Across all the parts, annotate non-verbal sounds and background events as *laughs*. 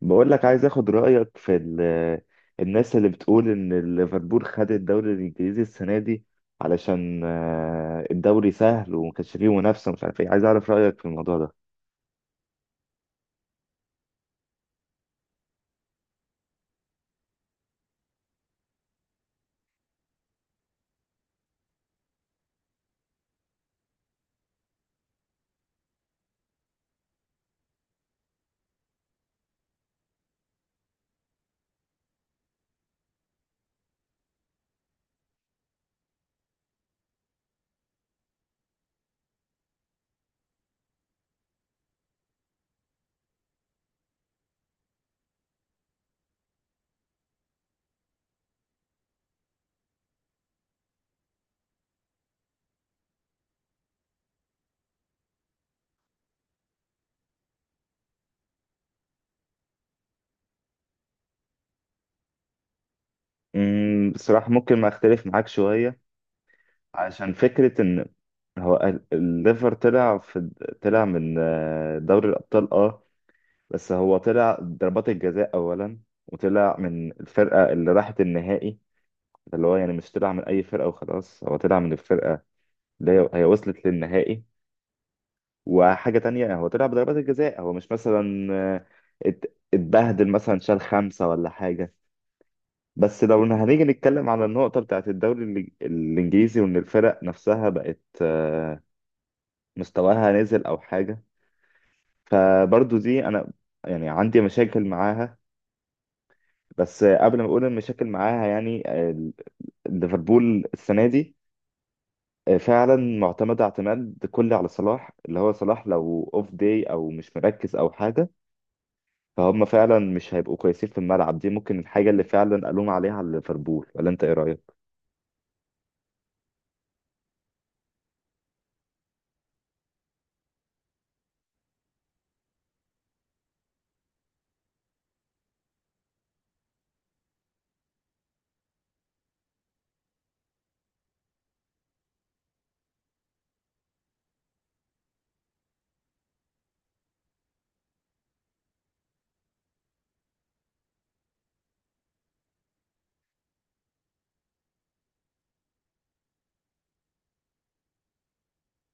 بقول لك عايز اخد رأيك في الناس اللي بتقول ان ليفربول خد الدوري الانجليزي السنة دي علشان الدوري سهل وما كانش فيه منافسة، مش عارف ايه. عايز اعرف رأيك في الموضوع ده. بصراحة ممكن ما اختلف معاك شوية، عشان فكرة ان هو الليفر طلع من دوري الأبطال، اه. بس هو طلع ضربات الجزاء اولا، وطلع من الفرقة اللي راحت النهائي. اللي هو يعني مش طلع من اي فرقة وخلاص، هو طلع من الفرقة اللي هي وصلت للنهائي. وحاجة تانية، هو طلع بضربات الجزاء، هو مش مثلا اتبهدل مثلا، شال خمسة ولا حاجة. بس لو إن هنيجي نتكلم على النقطة بتاعت الدوري الإنجليزي، وإن الفرق نفسها بقت مستواها نزل أو حاجة، فبرضو دي أنا يعني عندي مشاكل معاها. بس قبل ما أقول المشاكل معاها يعني، ليفربول السنة دي فعلا معتمدة اعتماد كلي على صلاح، اللي هو صلاح لو اوف داي او مش مركز او حاجة فهم فعلا مش هيبقوا كويسين في الملعب. دي ممكن الحاجة اللي فعلا ألوم عليها على ليفربول. ولا أنت إيه رأيك؟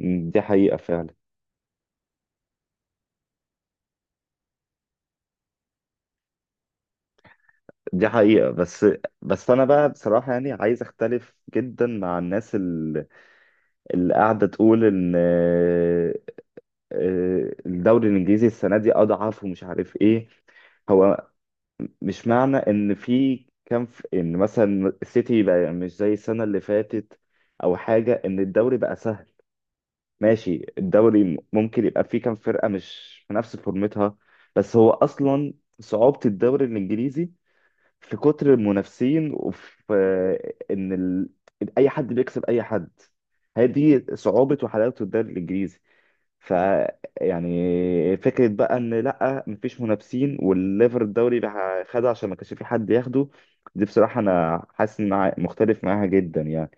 دي حقيقة فعلا. دي حقيقة، بس. بس أنا بقى بصراحة يعني عايز أختلف جدا مع الناس اللي قاعدة تقول إن الدوري الإنجليزي السنة دي أضعف ومش عارف إيه. هو مش معنى ان في كان في ان مثلا السيتي بقى مش زي السنه اللي فاتت، او حاجه، ان الدوري بقى سهل. ماشي، الدوري ممكن يبقى فيه كام فرقة مش في نفس فورمتها. بس هو أصلا صعوبة الدوري الإنجليزي في كتر المنافسين، وفي إن ال... إن أي حد بيكسب أي حد. هذه صعوبة وحلاوة الدوري الإنجليزي. ف يعني فكرة بقى إن لأ مفيش منافسين والليفر الدوري بقى خده عشان ما كانش في حد ياخده، دي بصراحة أنا حاسس إن مختلف معاها جدا يعني.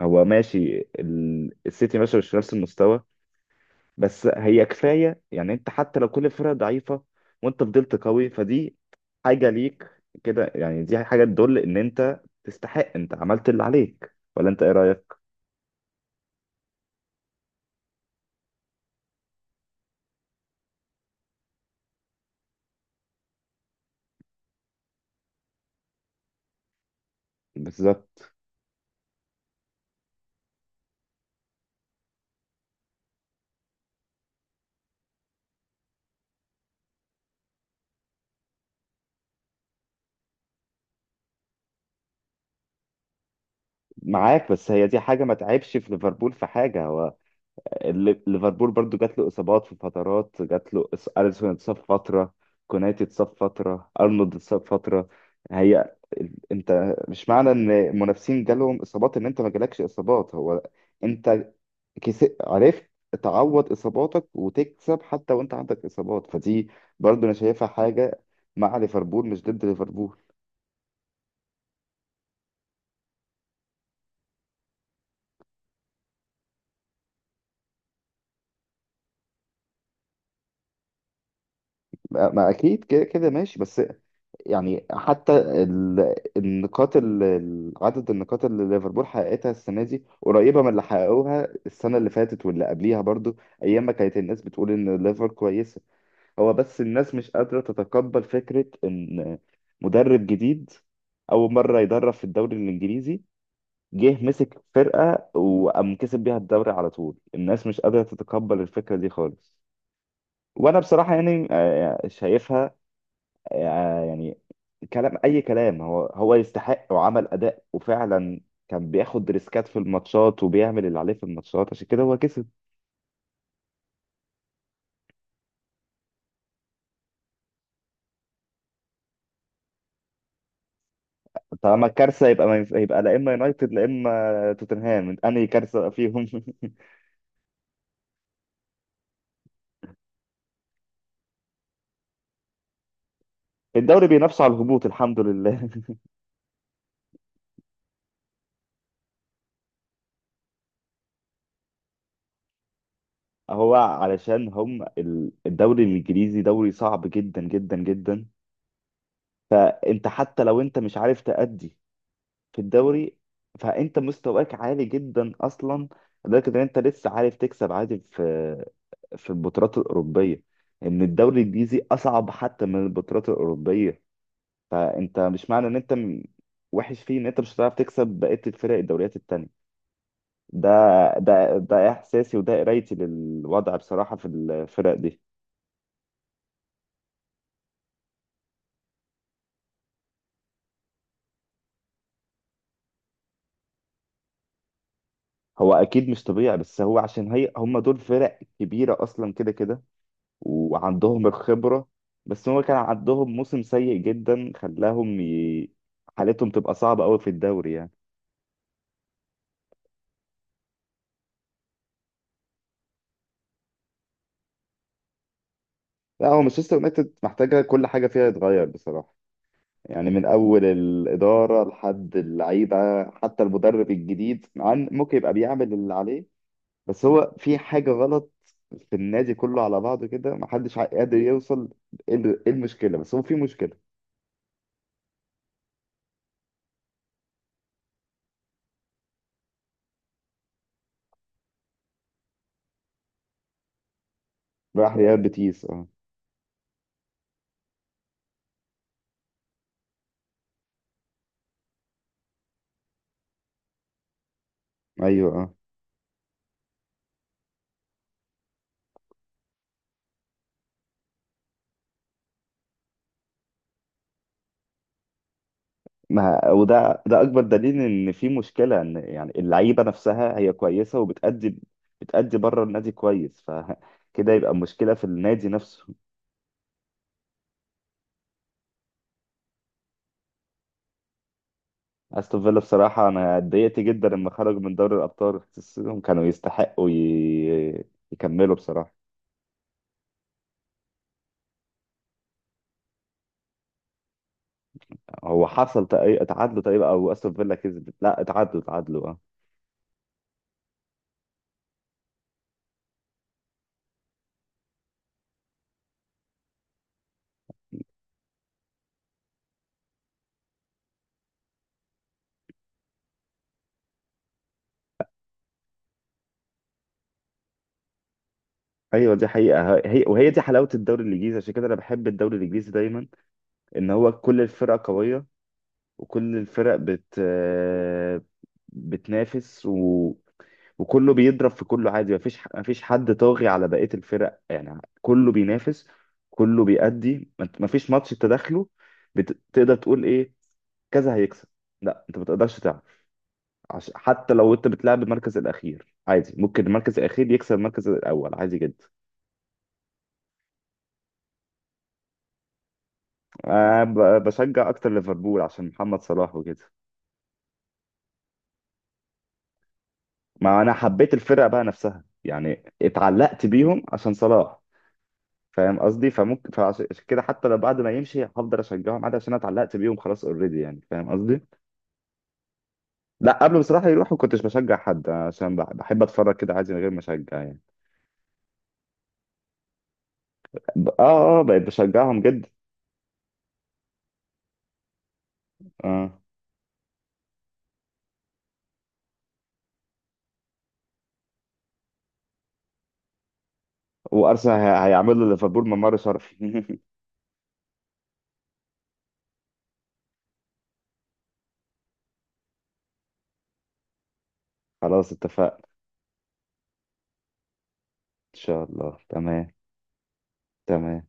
هو ماشي، السيتي ماشي مش في نفس المستوى. بس هي كفايه يعني. انت حتى لو كل الفرق ضعيفه وانت فضلت قوي، فدي حاجه ليك كده يعني. دي حاجه تدل ان انت تستحق، انت عملت اللي عليك. ولا انت ايه رايك؟ بالظبط. معاك، بس هي دي حاجه ما تعبش في ليفربول في حاجه. هو ليفربول برضو جات له اصابات في فترات، جات له اليسون اتصاب فتره، كوناتي اتصاب فتره، ارنولد اتصاب فتره. هي انت مش معنى ان المنافسين جالهم اصابات ان انت ما جالكش اصابات. هو انت عرفت تعوض اصاباتك وتكسب حتى وانت عندك اصابات. فدي برضو انا شايفها حاجه مع ليفربول مش ضد ليفربول. ما اكيد كده كده ماشي. بس يعني حتى النقاط عدد النقاط اللي ليفربول حققتها السنه دي قريبه من اللي حققوها السنه اللي فاتت واللي قبليها برضو، ايام ما كانت الناس بتقول ان ليفر كويسه. هو بس الناس مش قادره تتقبل فكره ان مدرب جديد، اول مره يدرب في الدوري الانجليزي، جه مسك فرقة وقام كسب بيها الدوري على طول. الناس مش قادرة تتقبل الفكرة دي خالص. وانا بصراحة يعني شايفها يعني كلام اي كلام، هو يستحق وعمل اداء. وفعلا كان بياخد ريسكات في الماتشات وبيعمل اللي عليه في الماتشات، عشان كده هو كسب. طالما الكارثة، يبقى ما ينف- يبقى لا اما يونايتد لا اما توتنهام، انهي كارثة فيهم؟ *laughs* الدوري بينافسوا على الهبوط، الحمد لله. *laughs* هو علشان هم الدوري الانجليزي دوري صعب جدا جدا جدا. انت حتى لو انت مش عارف تأدي في الدوري، فانت مستواك عالي جدا اصلا لدرجه ان انت لسه عارف تكسب عادي في البطولات الاوروبيه. ان الدوري الانجليزي اصعب حتى من البطولات الاوروبيه. فانت مش معنى ان انت وحش فيه ان انت مش هتعرف تكسب بقيه الفرق، الدوريات التانيه. ده ده احساسي، وده قرايتي للوضع بصراحه في الفرق دي. هو اكيد مش طبيعي. بس هو عشان هم دول فرق كبيره اصلا كده كده، وعندهم الخبرة. بس هو كان عندهم موسم سيء جدا خلاهم حالتهم تبقى صعبة قوي في الدوري يعني. لا هو مانشستر يونايتد محتاجة كل حاجة فيها يتغير بصراحة. يعني من أول الإدارة لحد اللعيبة، حتى المدرب الجديد عن ممكن يبقى بيعمل اللي عليه. بس هو في حاجة غلط في النادي كله على بعضه كده، محدش قادر يوصل إيه إيه المشكلة، بس هو في مشكلة. راح ريال بيتيس، اه. ايوه، اه. ما وده اكبر دليل ان في مشكله، ان يعني اللعيبه نفسها هي كويسه وبتأدي، بتأدي بره النادي كويس، فكده يبقى مشكله في النادي نفسه. استون فيلا بصراحه انا اتضايقت جدا لما خرجوا من دوري الابطال، حسيتهم كانوا يستحقوا يكملوا بصراحه. هو حصل تعادلوا تقريبا، او استون فيلا كسبت، لا اتعادلوا اتعادلوا، اه. ايوه، دي حقيقه. وهي دي حلاوه الدوري الانجليزي. عشان كده انا بحب الدوري الانجليزي دايما، ان هو كل الفرق قويه، وكل الفرق بت آه، بتنافس وكله بيضرب في كله عادي، مفيش حد طاغي على بقية الفرق، يعني كله بينافس، كله بيأدي. مفيش ماتش تدخله بتقدر تقول ايه، كذا هيكسب. لا، انت ما تقدرش تعرف. حتى لو انت بتلعب المركز الاخير عادي، ممكن المركز الاخير يكسب المركز الاول عادي جدا. أنا بشجع اكتر ليفربول عشان محمد صلاح وكده. ما انا حبيت الفرقة بقى نفسها يعني، اتعلقت بيهم عشان صلاح، فاهم قصدي؟ فممكن فعشان كده حتى لو بعد ما يمشي هفضل اشجعهم عادي عشان انا اتعلقت بيهم خلاص اوريدي يعني، فاهم قصدي. لا قبل بصراحه يروحوا كنتش بشجع حد، عشان بحب اتفرج كده عادي من غير ما اشجع يعني. اه، اه، بقيت بشجعهم جدا. اه، وارسنال هيعملوا ليفربول ممر شرفي. *laughs* خلاص اتفقنا. ان شاء الله. تمام، تمام.